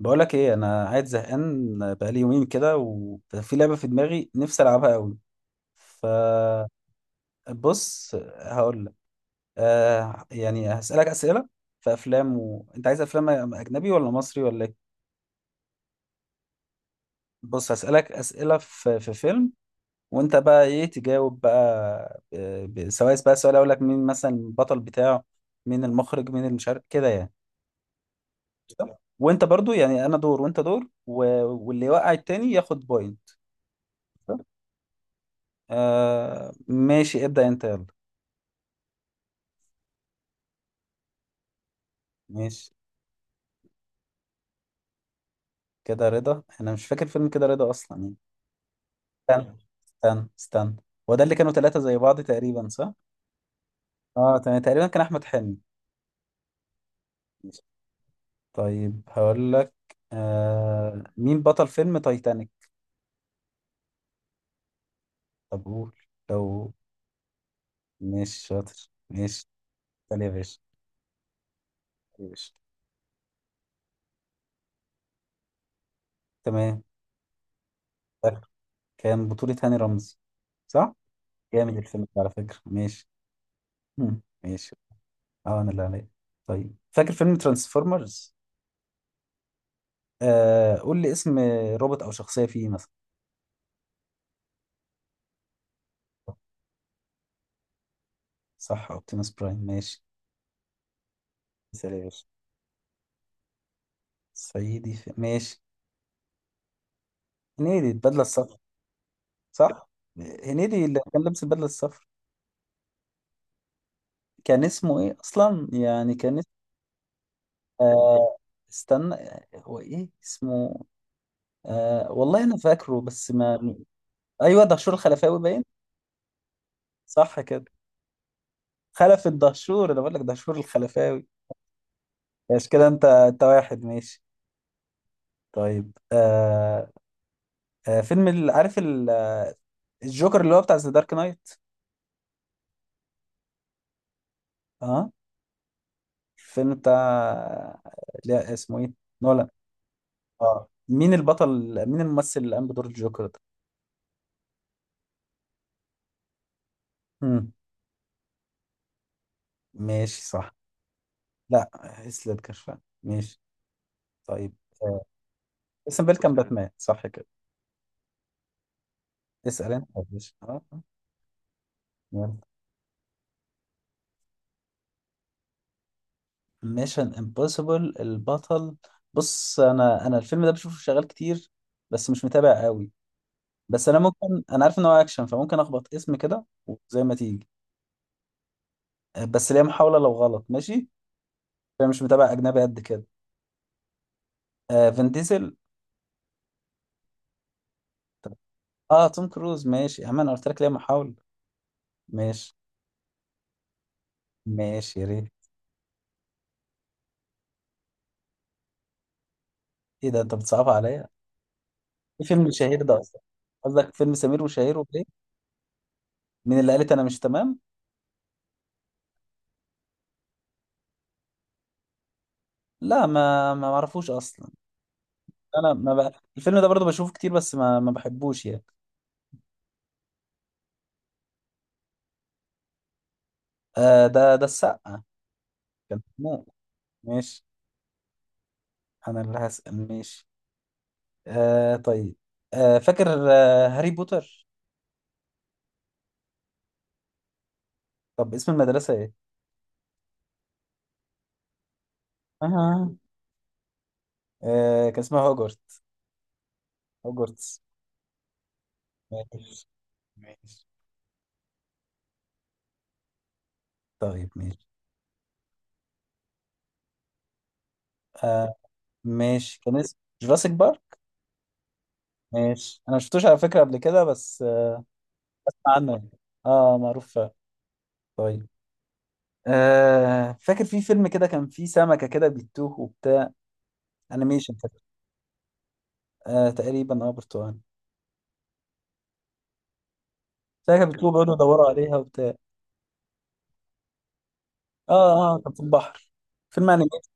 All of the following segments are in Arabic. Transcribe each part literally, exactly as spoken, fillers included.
بقولك ايه، انا قاعد زهقان بقالي يومين كده، وفي لعبه في دماغي نفسي العبها قوي. فبص هقول لك. آه، يعني هسالك اسئله في افلام و... انت عايز افلام اجنبي ولا مصري ولا ايه؟ بص هسالك اسئله في في فيلم، وانت بقى ايه تجاوب بقى. آه، ب... سواء بقى سؤال اقول لك مين مثلا البطل بتاعه، مين المخرج، مين المشارك، كده يعني. قشطة؟ وانت برضو يعني انا دور وانت دور و... واللي يوقع التاني ياخد بوينت. آه ماشي، ابدأ انت، يلا. ماشي. كده رضا؟ انا مش فاكر فيلم كده رضا اصلا يعني. استنى يلا، استنى استنى. هو ده اللي كانوا ثلاثة زي بعض تقريبا، صح؟ اه تمام، تقريبا كان احمد حلمي. ماشي. طيب هقول لك. آه، مين بطل فيلم تايتانيك؟ طب قول، لو... مش شاطر، ماشي. تعالى يا باشا. تعالى يا باشا. تمام. فاكر. كان بطولة هاني رمزي، صح؟ جامد الفيلم ده على فكرة، ماشي. مم. ماشي. اه، انا اللي عليا. طيب، فاكر فيلم ترانسفورمرز؟ آه قول لي اسم روبوت او شخصيه فيه مثلا. صح، اوبتيموس برايم، ماشي. مثال يا باشا. صعيدي في... ماشي. هنيدي، البدله الصفراء. صح، هنيدي اللي كان لابس البدله الصفراء. كان اسمه ايه اصلا يعني، كان اسمه... آه، استنى. هو ايه اسمه؟ آه، والله انا فاكره بس ما... ايوه، دهشور الخلفاوي باين. صح كده. خلف الدهشور، انا بقول لك دهشور الخلفاوي. ماشي كده، انت انت واحد، ماشي. طيب آه، آه، فيلم ال- عارف الجوكر اللي هو بتاع ذا دارك نايت. اه. الفيلم بتاع... لا اسمه ايه، نولان. اه، مين البطل؟ مين الممثل اللي قام بدور الجوكر ده؟ مم. ماشي، صح. لا، هيث ليدجر فعلا، ماشي. طيب آه. اسم بيل كان باتمان، صح كده؟ اسأل انت يا باشا. اه، آه. يلا. ميشن امبوسيبل، البطل. بص انا، انا الفيلم ده بشوفه شغال كتير بس مش متابع قوي، بس انا ممكن، انا عارف ان هو اكشن فممكن اخبط اسم كده وزي ما تيجي. آه، بس ليا محاولة، لو غلط ماشي. انا مش متابع اجنبي قد كده. آه، فين ديزل. طب- اه توم كروز، ماشي يا عم، انا قلت لك ليه محاولة. ماشي، ماشي يا ريت. ايه ده، انت بتصعبها عليا. ايه فيلم شهير ده اصلا؟ قصدك فيلم سمير وشهير وبهير؟ مين اللي قالت انا مش تمام؟ لا، ما ما معرفوش اصلا. انا ما بقى... الفيلم ده برضه بشوفه كتير بس ما ما بحبوش يعني. آه، ده ده السقا. كان مو... ماشي. انا اللي هسأل، ماشي. آه طيب، آه فاكر آه هاري بوتر. طب اسم المدرسة ايه؟ آه. آه، كان اسمها هوجورتس. هوجورتس. ماشي، ماشي. طيب، ماشي. آه، ماشي، كان اسمه جوراسيك بارك. ماشي، انا ما شفتوش على فكره قبل كده بس آه، اسمع عنه يعني. اه معروف فعلا. طيب. آه فاكر في فيلم كده كان فيه سمكه كده بيتوه وبتاع، انيميشن كده. آه تقريبا، اه برتقالي. سمكه بتوه بيقعدوا يدوروا عليها وبتاع. اه، اه كان في البحر، فيلم انيميشن.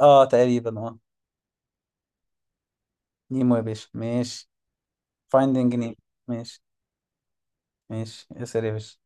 اه تقريبا، اه. نيمو يا باشا، ماشي. فايندينج نيمو. ماشي، ماشي. اسال يا باشا.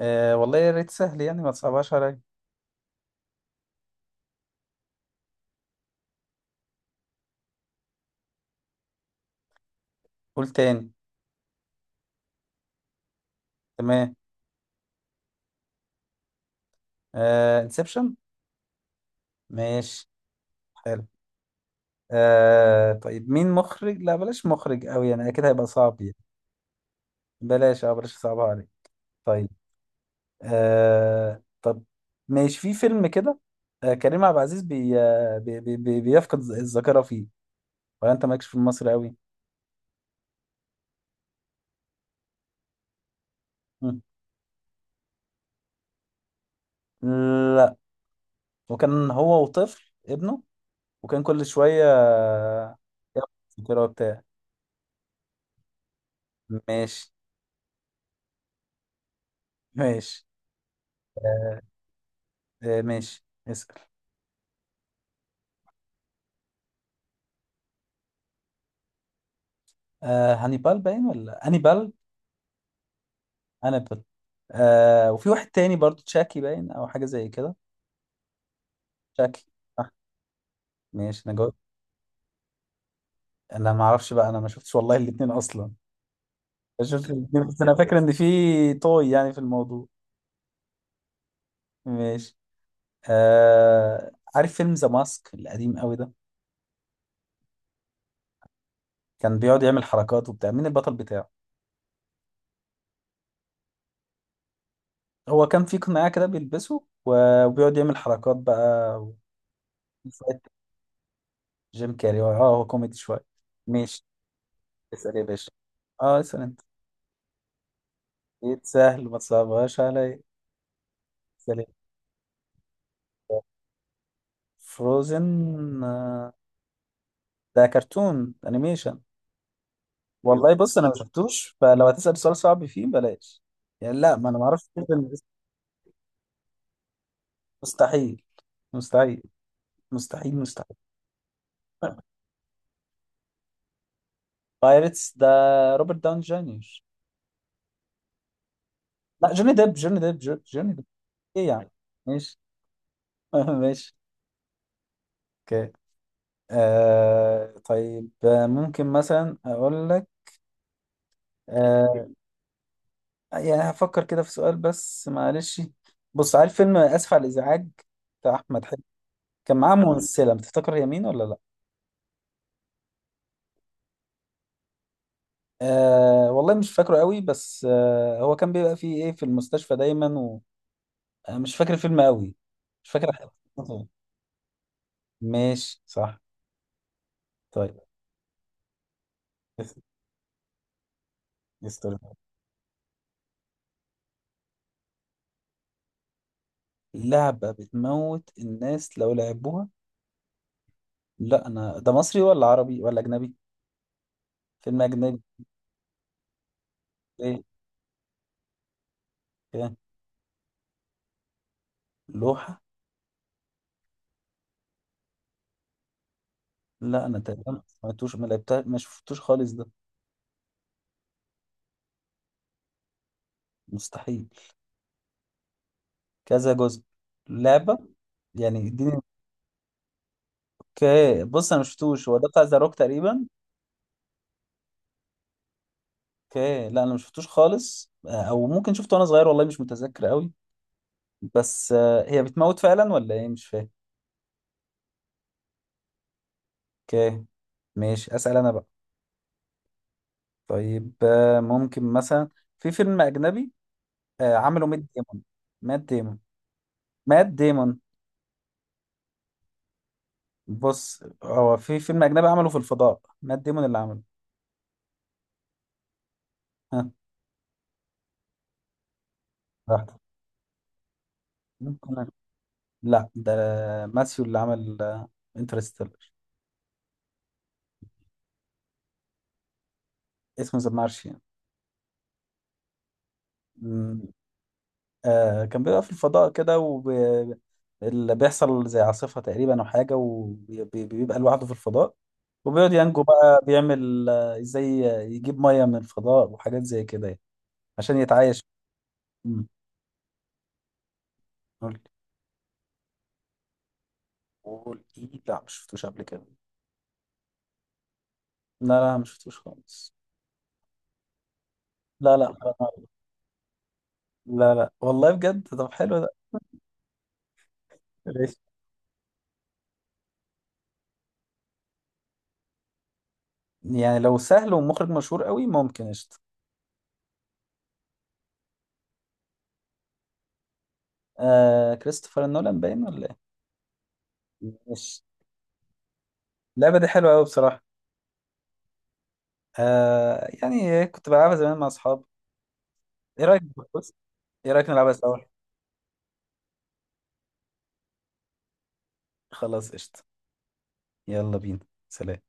آه والله يا ريت سهل يعني، ما تصعبهاش عليا. قول تاني. تمام. آه، انسبشن. ماشي، حلو. آه طيب، مين مخرج، لا بلاش مخرج قوي يعني، اكيد هيبقى صعب يعني. بلاش، اه بلاش صعبها عليك. طيب. آه طب، ماشي، في فيلم كده، آه، كريم عبد العزيز بي آه، بي بي بي بيفقد الذ- الذاكرة فيه، ولا انت مالكش في المصري قوي؟ مم. لا، وكان هو وطفل ابنه، وكان كل شوية آه، يفقد الذاكرة بتاعه. ماشي. ماشي آه، آه ماشي اسأل. آه، هانيبال باين، ولا هانيبال. هانيبال. آه، وفي واحد تاني برضو تشاكي باين، او حاجه زي كده. تشاكي، صح. ماشي، انا جاوبت. انا ما اعرفش بقى، انا ما شفتش والله الاثنين اصلا. ما شفتش الاثنين، بس انا فاكر ان في طوي يعني في الموضوع. ماشي. آه عارف فيلم ذا ماسك القديم قوي ده؟ كان بيقعد يعمل حركات وبتاع، مين البطل بتاعه؟ هو كان في قناع كده بيلبسه و- وبيقعد يعمل حركات بقى وشوية. جيم كاري، اه هو كوميدي شويه. ماشي. اسال يا باشا. اه، اسال انت. اكيد سهل، ما تصعبهاش علي، سليم. فروزن، آه. ده كرتون انيميشن. والله بص، انا ما شفتوش، فلو هتسأل سؤال صعب فيه بلاش يعني، لا، ما انا ما اعرفش فروزن. مستحيل، مستحيل. مستحيل، مستحيل. بايرتس ده، روبرت داون جونيور. لا، جوني ديب جوني ديب جو- جوني ديب. ايه يعني. ماشي. ماشي. اوكي. آه طيب، آه ممكن مثلا اقول لك، آه، يعني هفكر كده في سؤال بس معلش. بص عارف فيلم آسف على الإزعاج بتاع أحمد حلمي؟ كان معاه ممثلة، بتفتكر هي مين ولا لأ؟ آه، والله مش فاكره قوي بس آه، هو كان بيبقى فيه إيه، في المستشفى دايما، ومش فاكر الفيلم قوي، مش فاكر. ماشي، صح. طيب. يس- يستر. لعبة بتموت الناس لو لعبوها؟ لا، أنا ده مصري ولا عربي ولا أجنبي؟ فيلم أجنبي. إيه؟ إيه؟ لوحة؟ لا، أنا تقريبا ما سمعتوش ما لعبتها ما شفتوش خالص ده. مستحيل. كذا جزء؟ لعبة يعني، اديني. اوكي بص، انا مشفتوش، هو ده بتاع ذا روك تقريبا؟ اوكي، لا انا مشفتوش خالص، او ممكن شفته وانا صغير والله مش متذكر قوي. بس آه، هي بتموت فعلا ولا ايه، مش فاهم. اوكي. ماشي، اسال انا بقى. طيب آه، ممكن مثلا، في فيلم اجنبي آه، عمله مات ديمون. مات ديمون. مات ديمون. بص، هو في فيلم اجنبي عمله في الفضاء مات ديمون اللي عمله. ها؟ براحتك. لا ده ماثيو اللي عمل انترستيلر. اسمه ذا مارشيان. مم. آه، كان بيبقى في الفضاء كده وب- اللي بيحصل زي عاصفة تقريبا أو حاجة، وبيبقى لوحده في الفضاء، وبيقعد ينجو بقى، بيعمل آه، ازاي يجيب مية من الفضاء وحاجات زي كده يعني، عشان يتعايش. مم. قول لي. قول ايه، لا مش شفتوش قبل كده. لا لا، مش شفتوش خالص. لا لا. لا لا والله بجد، طب حلو ده. ليش؟ يعني لو سهل ومخرج مشهور قوي ممكن، قشطة. آه، كريستوفر نولان باين، ولا؟ ايه، ماشي. اللعبة دي حلوة أوي بصراحة. آه، يعني كنت بلعبها زمان مع أصحابي. إيه رأيك، بص، إيه رأيك نلعبها سوا؟ خلاص قشطة. يلا بينا. سلام.